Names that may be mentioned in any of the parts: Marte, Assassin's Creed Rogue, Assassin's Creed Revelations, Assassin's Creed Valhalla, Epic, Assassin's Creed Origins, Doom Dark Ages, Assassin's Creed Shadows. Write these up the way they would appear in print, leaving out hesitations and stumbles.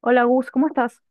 Hola Gus, ¿cómo estás?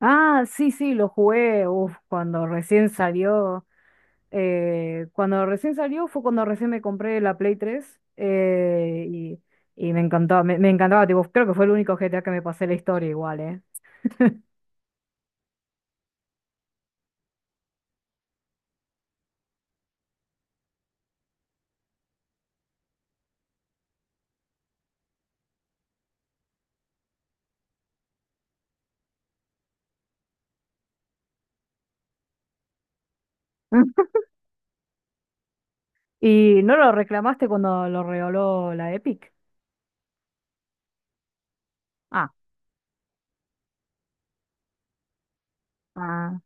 Ah, sí, sí, lo jugué, uf, cuando recién salió fue cuando recién me compré la Play 3, y me encantó, me encantaba, tipo, creo que fue el único GTA que me pasé la historia igual, ¿eh? ¿Y no lo reclamaste cuando lo regaló la Epic? Ah, ah,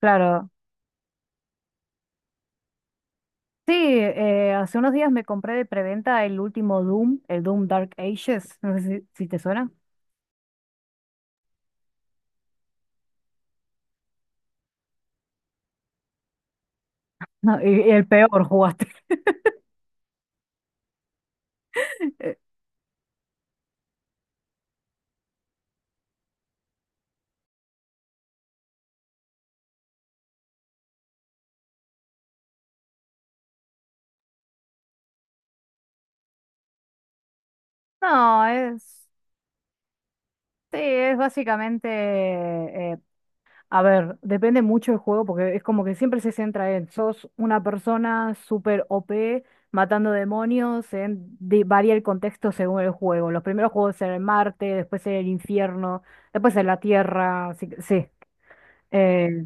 claro. Sí, hace unos días me compré de preventa el último Doom, el Doom Dark Ages. No sé si, si te suena. No, y el peor jugaste. No, es, sí, es básicamente, eh, a ver, depende mucho del juego porque es como que siempre se centra en, sos una persona súper OP matando demonios. Varía el contexto según el juego. Los primeros juegos en Marte, después en el infierno, después en la Tierra, así que sí. eh,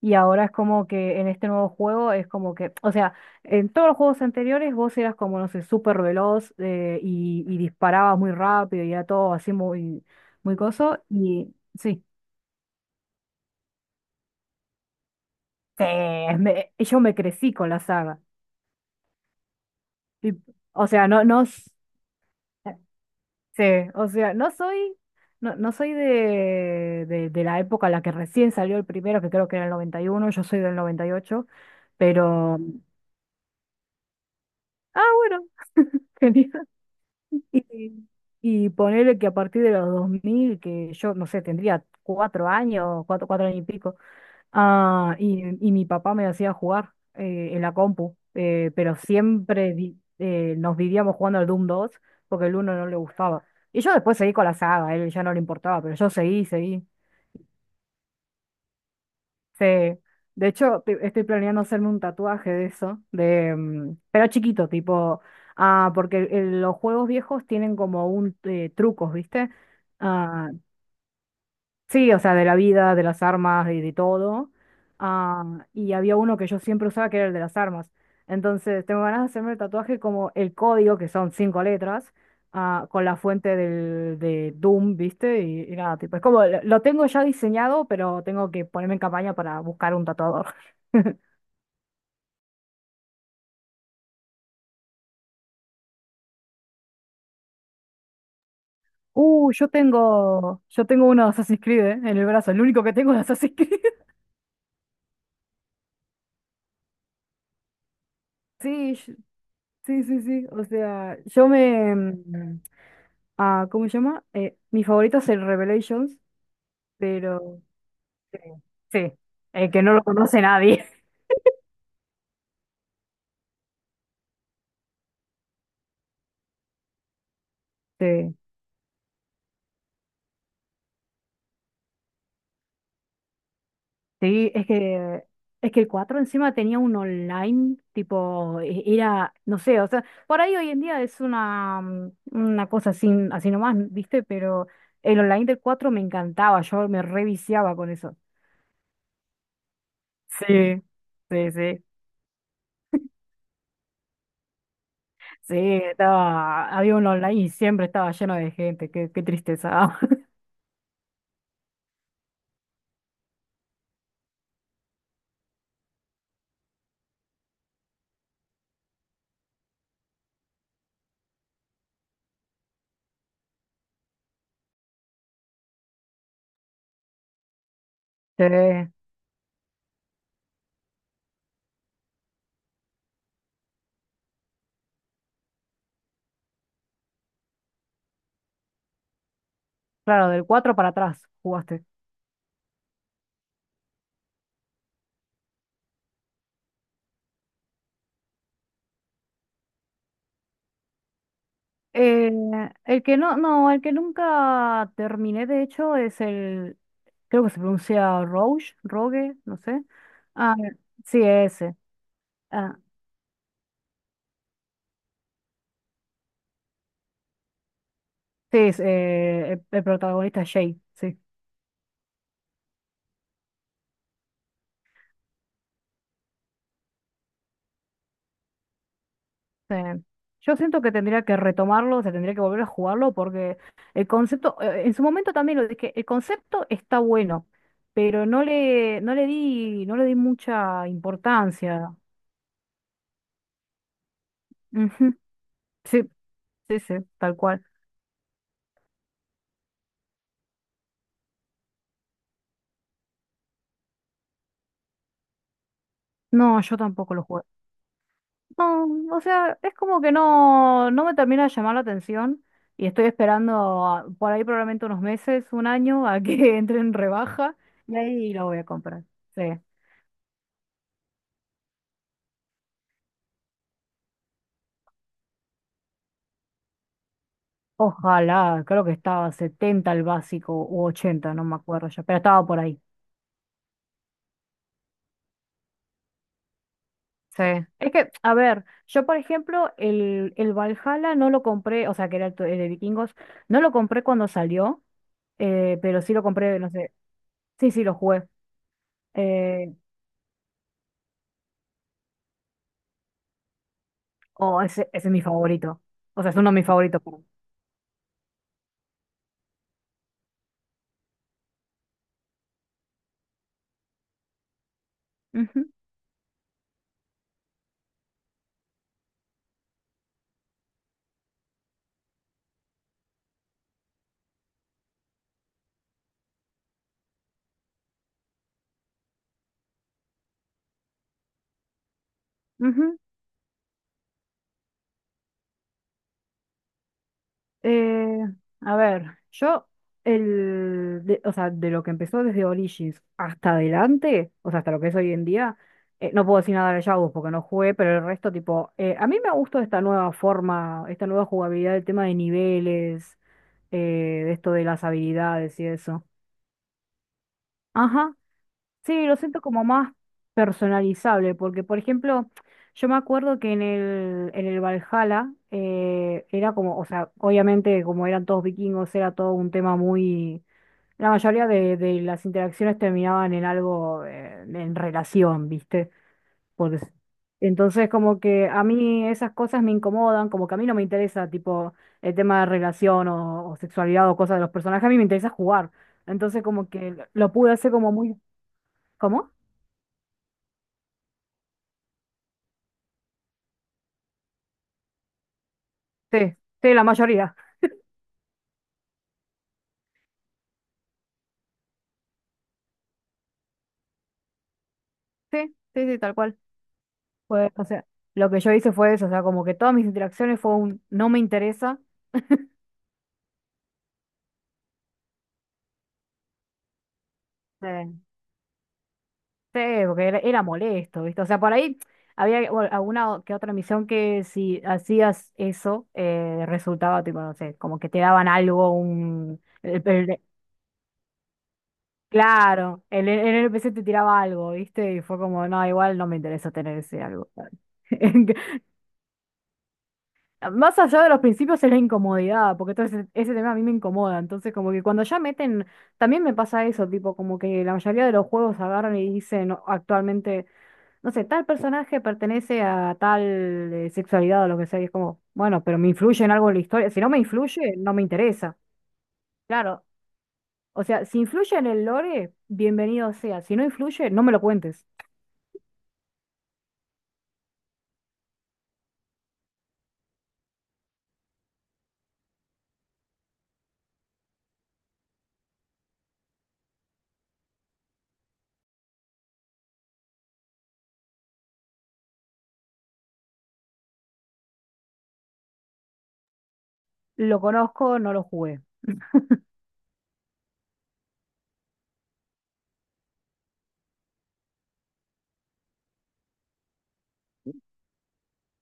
Y ahora es como que en este nuevo juego es como que, o sea, en todos los juegos anteriores vos eras como, no sé, súper veloz, y disparabas muy rápido y era todo así muy, muy coso. Y sí, sí, yo me crecí con la saga. Y, o sea, no, no, sí, o sea, no soy, no, no soy de, de la época en la que recién salió el primero, que creo que era el noventa y uno. Yo soy del noventa y ocho, pero, ah, bueno, genial. Y, y ponele que a partir de los 2000 que yo, no sé, tendría 4 años, 4 años y pico, ah, y mi papá me hacía jugar, en la compu, pero siempre nos vivíamos jugando al Doom 2 porque el uno no le gustaba. Y yo después seguí con la saga, a él ya no le importaba, pero yo seguí, seguí. Sí. De hecho, estoy planeando hacerme un tatuaje de eso, pero chiquito, tipo, ah, porque los juegos viejos tienen como un trucos, ¿viste? Ah, sí, o sea, de la vida, de las armas, de todo. Ah, y había uno que yo siempre usaba que era el de las armas. Entonces, tengo ganas de hacerme el tatuaje como el código, que son cinco letras, ah, con la fuente de Doom, ¿viste? Y nada, tipo, es como, lo tengo ya diseñado, pero tengo que ponerme en campaña para buscar un tatuador. Yo tengo, uno de Assassin's Creed, en el brazo, el único que tengo de Assassin's Creed. Sí, sí, sí, sí. O sea, ah, ¿cómo se llama? Mi favorito es el Revelations, pero sí, sí, el que no lo conoce nadie. Sí, sí, es que el 4 encima tenía un online, tipo, era, no sé, o sea, por ahí hoy en día es una cosa así, así nomás, ¿viste? Pero el online del 4 me encantaba, yo me reviciaba con eso. Sí, sí, sí. Sí, estaba, había un online y siempre estaba lleno de gente, qué, qué tristeza. Sí. Claro, del 4 para atrás jugaste. Eh, el que no, no, el que nunca terminé, de hecho, es el, creo que se pronuncia Rogue, Rogue, no sé. Ah, sí, ese. Ah, sí, el protagonista es Jay, sí. Sí. Yo siento que tendría que retomarlo, o sea, tendría que volver a jugarlo porque el concepto, en su momento también lo dije, el concepto está bueno, pero no le di mucha importancia. Ujú. Sí, sí, sí, tal cual. No, yo tampoco lo jugué. No, o sea, es como que no, no me termina de llamar la atención y estoy esperando por ahí probablemente unos meses, un año, a que entre en rebaja y ahí lo voy a comprar. Sí. Ojalá, creo que estaba 70 el básico u 80, no me acuerdo ya, pero estaba por ahí. Sí. Es que, a ver, yo por ejemplo, el Valhalla no lo compré, o sea, que era el, el de vikingos, no lo compré cuando salió, pero sí lo compré, no sé, sí, sí, lo jugué. Eh, oh, ese, ese es mi favorito. O sea, es uno de mis favoritos. Perdón. Ujú, ujú. Eh, a ver, yo, el, o sea, de lo que empezó desde Origins hasta adelante, o sea, hasta lo que es hoy en día, no puedo decir nada de Shadows porque no jugué, pero el resto, tipo, a mí me gustó esta nueva forma, esta nueva jugabilidad, el tema de niveles, de esto de las habilidades y eso. Ajá. Sí, lo siento como más personalizable, porque por ejemplo, yo me acuerdo que en el Valhalla era como, o sea, obviamente como eran todos vikingos, era todo un tema muy. La mayoría de las interacciones terminaban en algo, en relación, ¿viste? Por des- entonces como que a mí esas cosas me incomodan, como que a mí no me interesa tipo el tema de relación o sexualidad o cosas de los personajes, a mí me interesa jugar. Entonces como que lo pude hacer como muy. ¿Cómo? Sí, sí, la mayoría. Sí, sí, sí, tal cual. Pues, o sea, lo que yo hice fue eso, o sea, como que todas mis interacciones fue un no me interesa. Sí. Sí, porque era, era molesto, ¿viste? O sea, por ahí había bueno, alguna que otra misión que si hacías eso, resultaba, tipo, no sé, como que te daban algo, claro, el NPC te tiraba algo, ¿viste? Y fue como, no, igual no me interesa tener ese algo. Más allá de los principios es la incomodidad, porque todo ese, ese tema a mí me incomoda. Entonces, como que cuando ya meten, también me pasa eso, tipo, como que la mayoría de los juegos agarran y dicen actualmente, no sé, tal personaje pertenece a tal sexualidad o lo que sea, y es como, bueno, pero me influye en algo en la historia. Si no me influye, no me interesa. Claro, o sea, si influye en el lore, bienvenido sea. Si no influye, no me lo cuentes. Lo conozco, no lo jugué.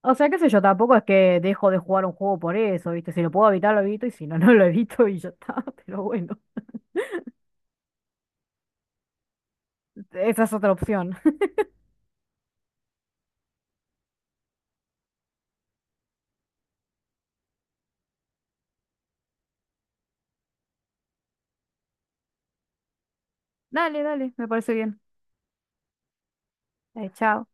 O sea, qué sé yo, tampoco es que dejo de jugar un juego por eso, ¿viste? Si lo puedo evitar, lo evito, y si no, no lo evito y ya está. Pero bueno, esa es otra opción. Dale, dale, me parece bien. Chao.